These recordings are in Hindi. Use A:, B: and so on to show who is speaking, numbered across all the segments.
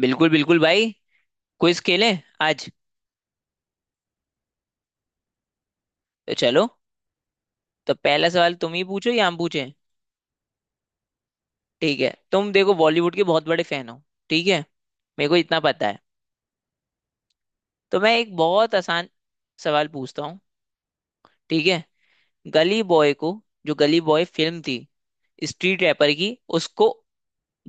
A: बिल्कुल बिल्कुल भाई। क्विज खेलें आज। तो चलो। तो पहला सवाल तुम ही पूछो या हम पूछें? ठीक है, तुम देखो बॉलीवुड के बहुत बड़े फैन हो, ठीक है। मेरे को इतना पता है। तो मैं एक बहुत आसान सवाल पूछता हूँ, ठीक है। गली बॉय को, जो गली बॉय फिल्म थी स्ट्रीट रैपर की, उसको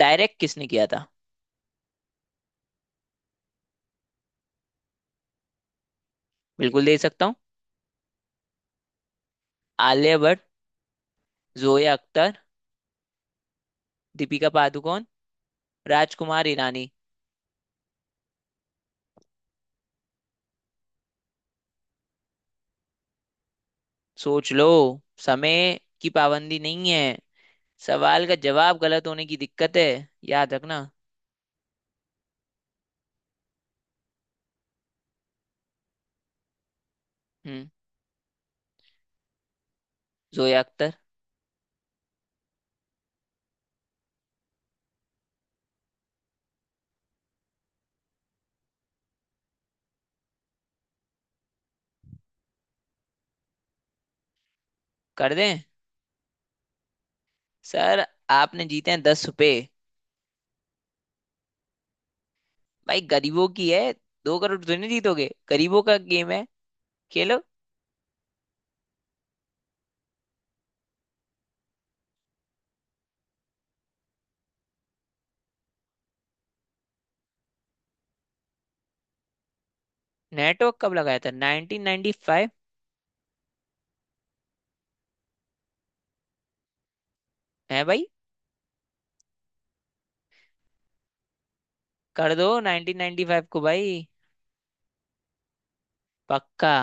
A: डायरेक्ट किसने किया था? बिल्कुल दे सकता हूँ। आलिया भट्ट, जोया अख्तर, दीपिका पादुकोण, राजकुमार ईरानी। सोच लो, समय की पाबंदी नहीं है। सवाल का जवाब गलत होने की दिक्कत है। याद रखना। हम्म, जोया अख्तर। कर दें सर? आपने जीते हैं दस रुपए। भाई गरीबों की है, दो करोड़ तो नहीं जीतोगे, गरीबों का गेम है, खेलो। नेटवर्क कब लगाया था? 1995। है भाई। कर दो 1995 को भाई। पक्का।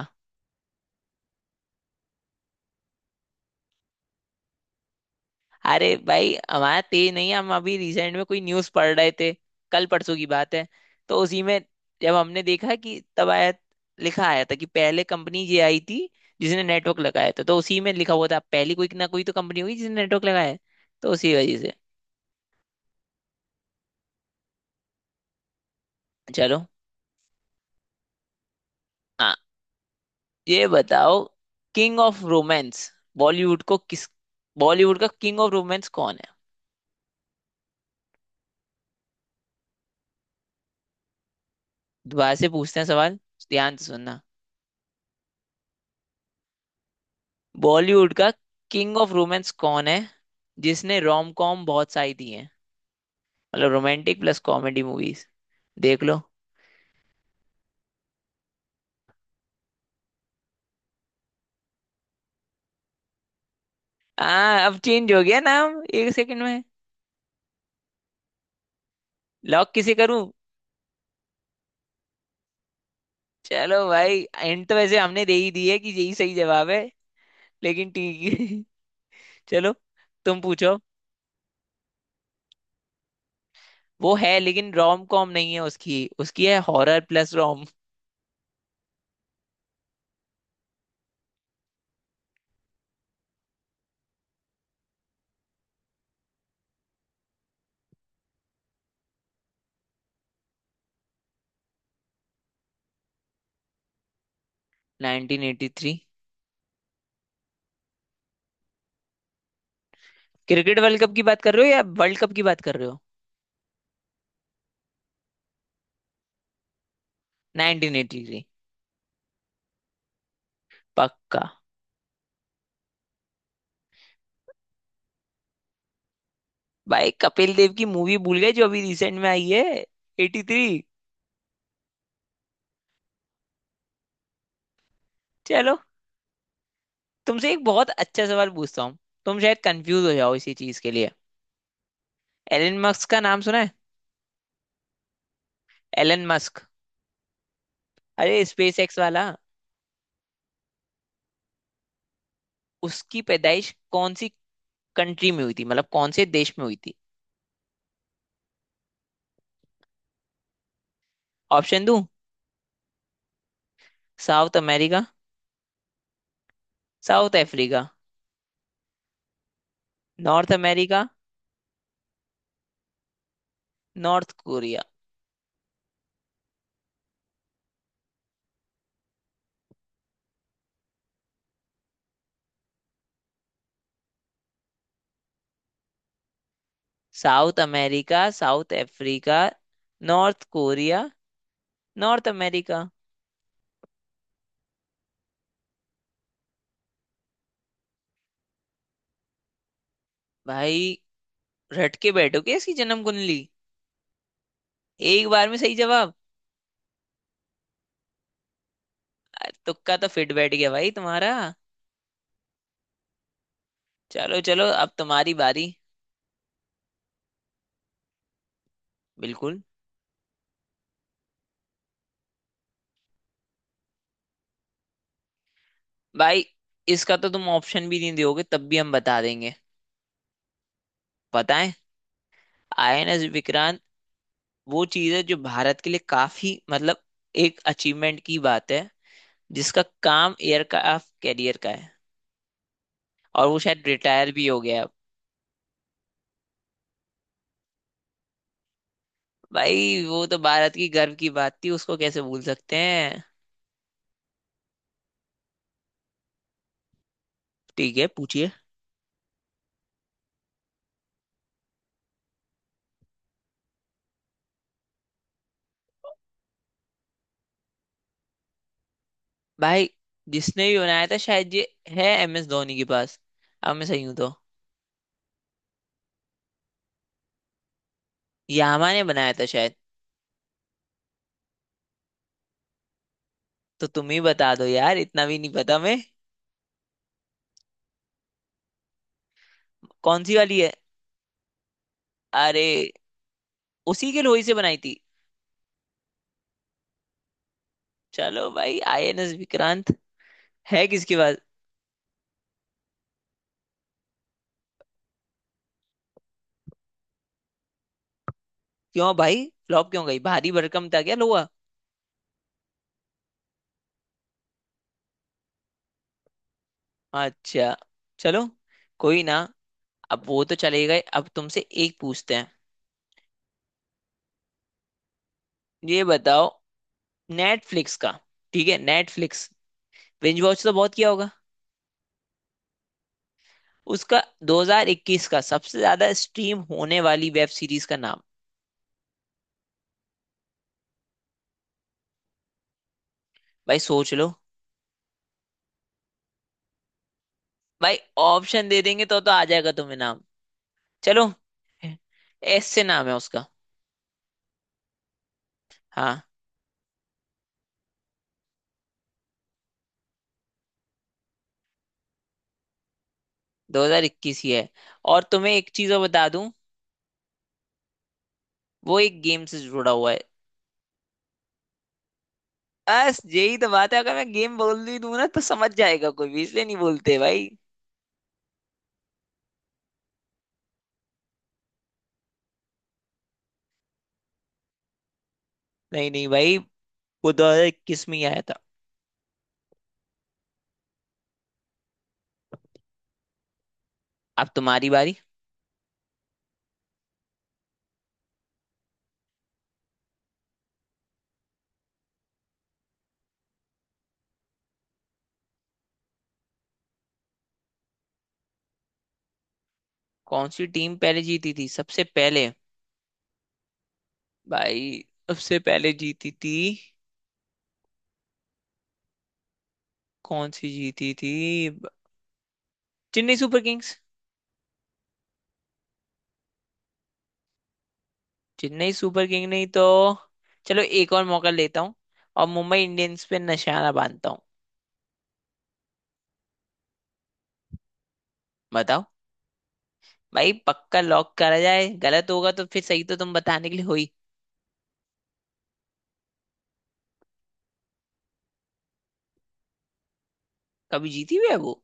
A: अरे भाई हमारा तेज नहीं है, हम अभी रिसेंट में कोई न्यूज़ पढ़ रहे थे, कल परसों की बात है। तो उसी में, जब हमने देखा कि तब आया, लिखा आया था कि पहले कंपनी ये आई थी जिसने नेटवर्क लगाया था। तो उसी में लिखा हुआ था, पहली कोई ना कोई तो कंपनी होगी जिसने नेटवर्क लगाया है। तो उसी वजह से। चलो। हाँ, ये बताओ, किंग ऑफ रोमांस बॉलीवुड को किस, बॉलीवुड का किंग ऑफ रोमांस कौन है? दोबारा से पूछते हैं सवाल, ध्यान से सुनना। बॉलीवुड का किंग ऑफ रोमांस कौन है, जिसने रोम कॉम बहुत सारी दी है, मतलब रोमांटिक प्लस कॉमेडी मूवीज? देख लो। अब चेंज हो गया नाम एक सेकंड में। लॉक किसे करूं? चलो भाई, एंड तो वैसे हमने दे ही दी है कि यही सही जवाब है। लेकिन ठीक है चलो, तुम पूछो। वो है, लेकिन रोम कॉम नहीं है, उसकी उसकी है horror plus rom. 1983। Cricket world cup की बात कर रहे हो या वर्ल्ड कप की बात कर रहे हो? 1983। पक्का। भाई कपिल देव की मूवी भूल गए जो अभी रिसेंट में आई है, 83। चलो, तुमसे एक बहुत अच्छा सवाल पूछता हूँ। तुम शायद कंफ्यूज हो जाओ इसी चीज के लिए। एलन मस्क का नाम सुना है? Elon Musk. अरे स्पेस एक्स वाला। उसकी पैदाइश कौन सी कंट्री में हुई थी, मतलब कौन से देश में हुई थी? ऑप्शन दूं? South America, South Africa, North America, North Korea. South America, South Africa, North Korea, North America. भाई, रट के बैठो क्या इसकी जन्म कुंडली? एक बार में सही जवाब। तुक्का तो फिट बैठ गया भाई तुम्हारा। चलो चलो, अब तुम्हारी बारी। बिल्कुल। भाई, इसका तो तुम ऑप्शन भी नहीं दोगे तब भी हम बता देंगे। बताएं? आईएनएस विक्रांत वो चीज है जो भारत के लिए काफी, मतलब एक अचीवमेंट की बात है, जिसका काम एयरक्राफ्ट कैरियर का है। और वो शायद रिटायर भी हो गया है अब। भाई वो तो भारत की गर्व की बात थी, उसको कैसे भूल सकते हैं? ठीक है पूछिए। भाई, जिसने भी बनाया था शायद ये है एम एस धोनी के पास, अब मैं सही हूं तो। यामा ने बनाया था शायद। तो तुम ही बता दो यार, इतना भी नहीं पता मैं। कौन सी वाली है? अरे, उसी के लोही से बनाई थी। चलो भाई। आईएनएस विक्रांत है किसके पास? क्यों भाई फ्लॉप क्यों गई? भारी भरकम था क्या लोहा? अच्छा चलो, कोई ना। अब वो तो चले गए, अब तुमसे एक पूछते हैं। ये बताओ, नेटफ्लिक्स का, ठीक है, नेटफ्लिक्स बिंज वॉच तो बहुत किया होगा, उसका 2021 का सबसे ज्यादा स्ट्रीम होने वाली वेब सीरीज का नाम। भाई सोच लो। भाई ऑप्शन दे देंगे तो आ जाएगा तुम्हें नाम। चलो। एस से नाम है उसका। हाँ, 2021 ही है। और तुम्हें एक चीज और बता दूं, वो एक गेम से जुड़ा हुआ है। बस यही तो बात है, अगर मैं गेम बोल दी दूं ना तो समझ जाएगा कोई भी, इसलिए नहीं बोलते भाई। नहीं नहीं भाई, वो 2021 में ही आया था। अब तुम्हारी बारी। कौन सी टीम पहले जीती थी सबसे पहले? भाई, सबसे पहले जीती थी कौन सी जीती थी? ब- Chennai super kings. Chennai super king नहीं तो? चलो, एक और मौका लेता हूँ, और मुंबई इंडियंस पे निशाना बांधता हूँ। बताओ। भाई पक्का लॉक करा जाए, गलत होगा तो फिर सही तो तुम बताने के लिए हुई। कभी जीती हुई है वो?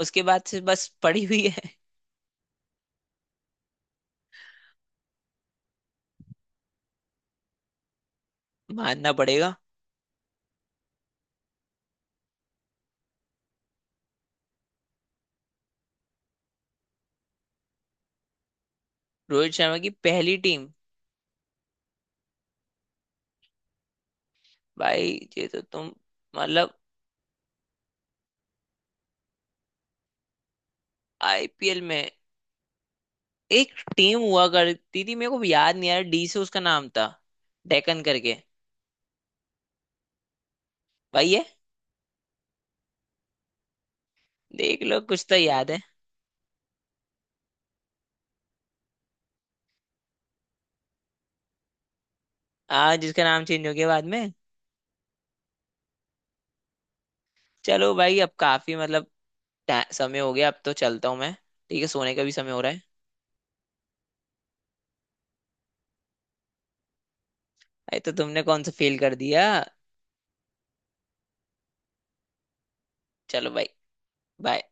A: उसके बाद से बस पड़ी हुई है। मानना पड़ेगा। रोहित शर्मा की पहली टीम? भाई, ये तो तुम, मतलब, आईपीएल में एक टीम हुआ करती थी, मेरे को याद नहीं आ रहा, डी से उसका नाम था, डेकन करके। भाई ये देख लो, कुछ तो याद है। आज जिसका नाम चेंज हो गया बाद में। चलो भाई, अब काफी, मतलब समय हो गया, अब तो चलता हूँ मैं। ठीक है, सोने का भी समय हो रहा है। अरे, तो तुमने कौन सा फेल कर दिया? चलो भाई। बाय।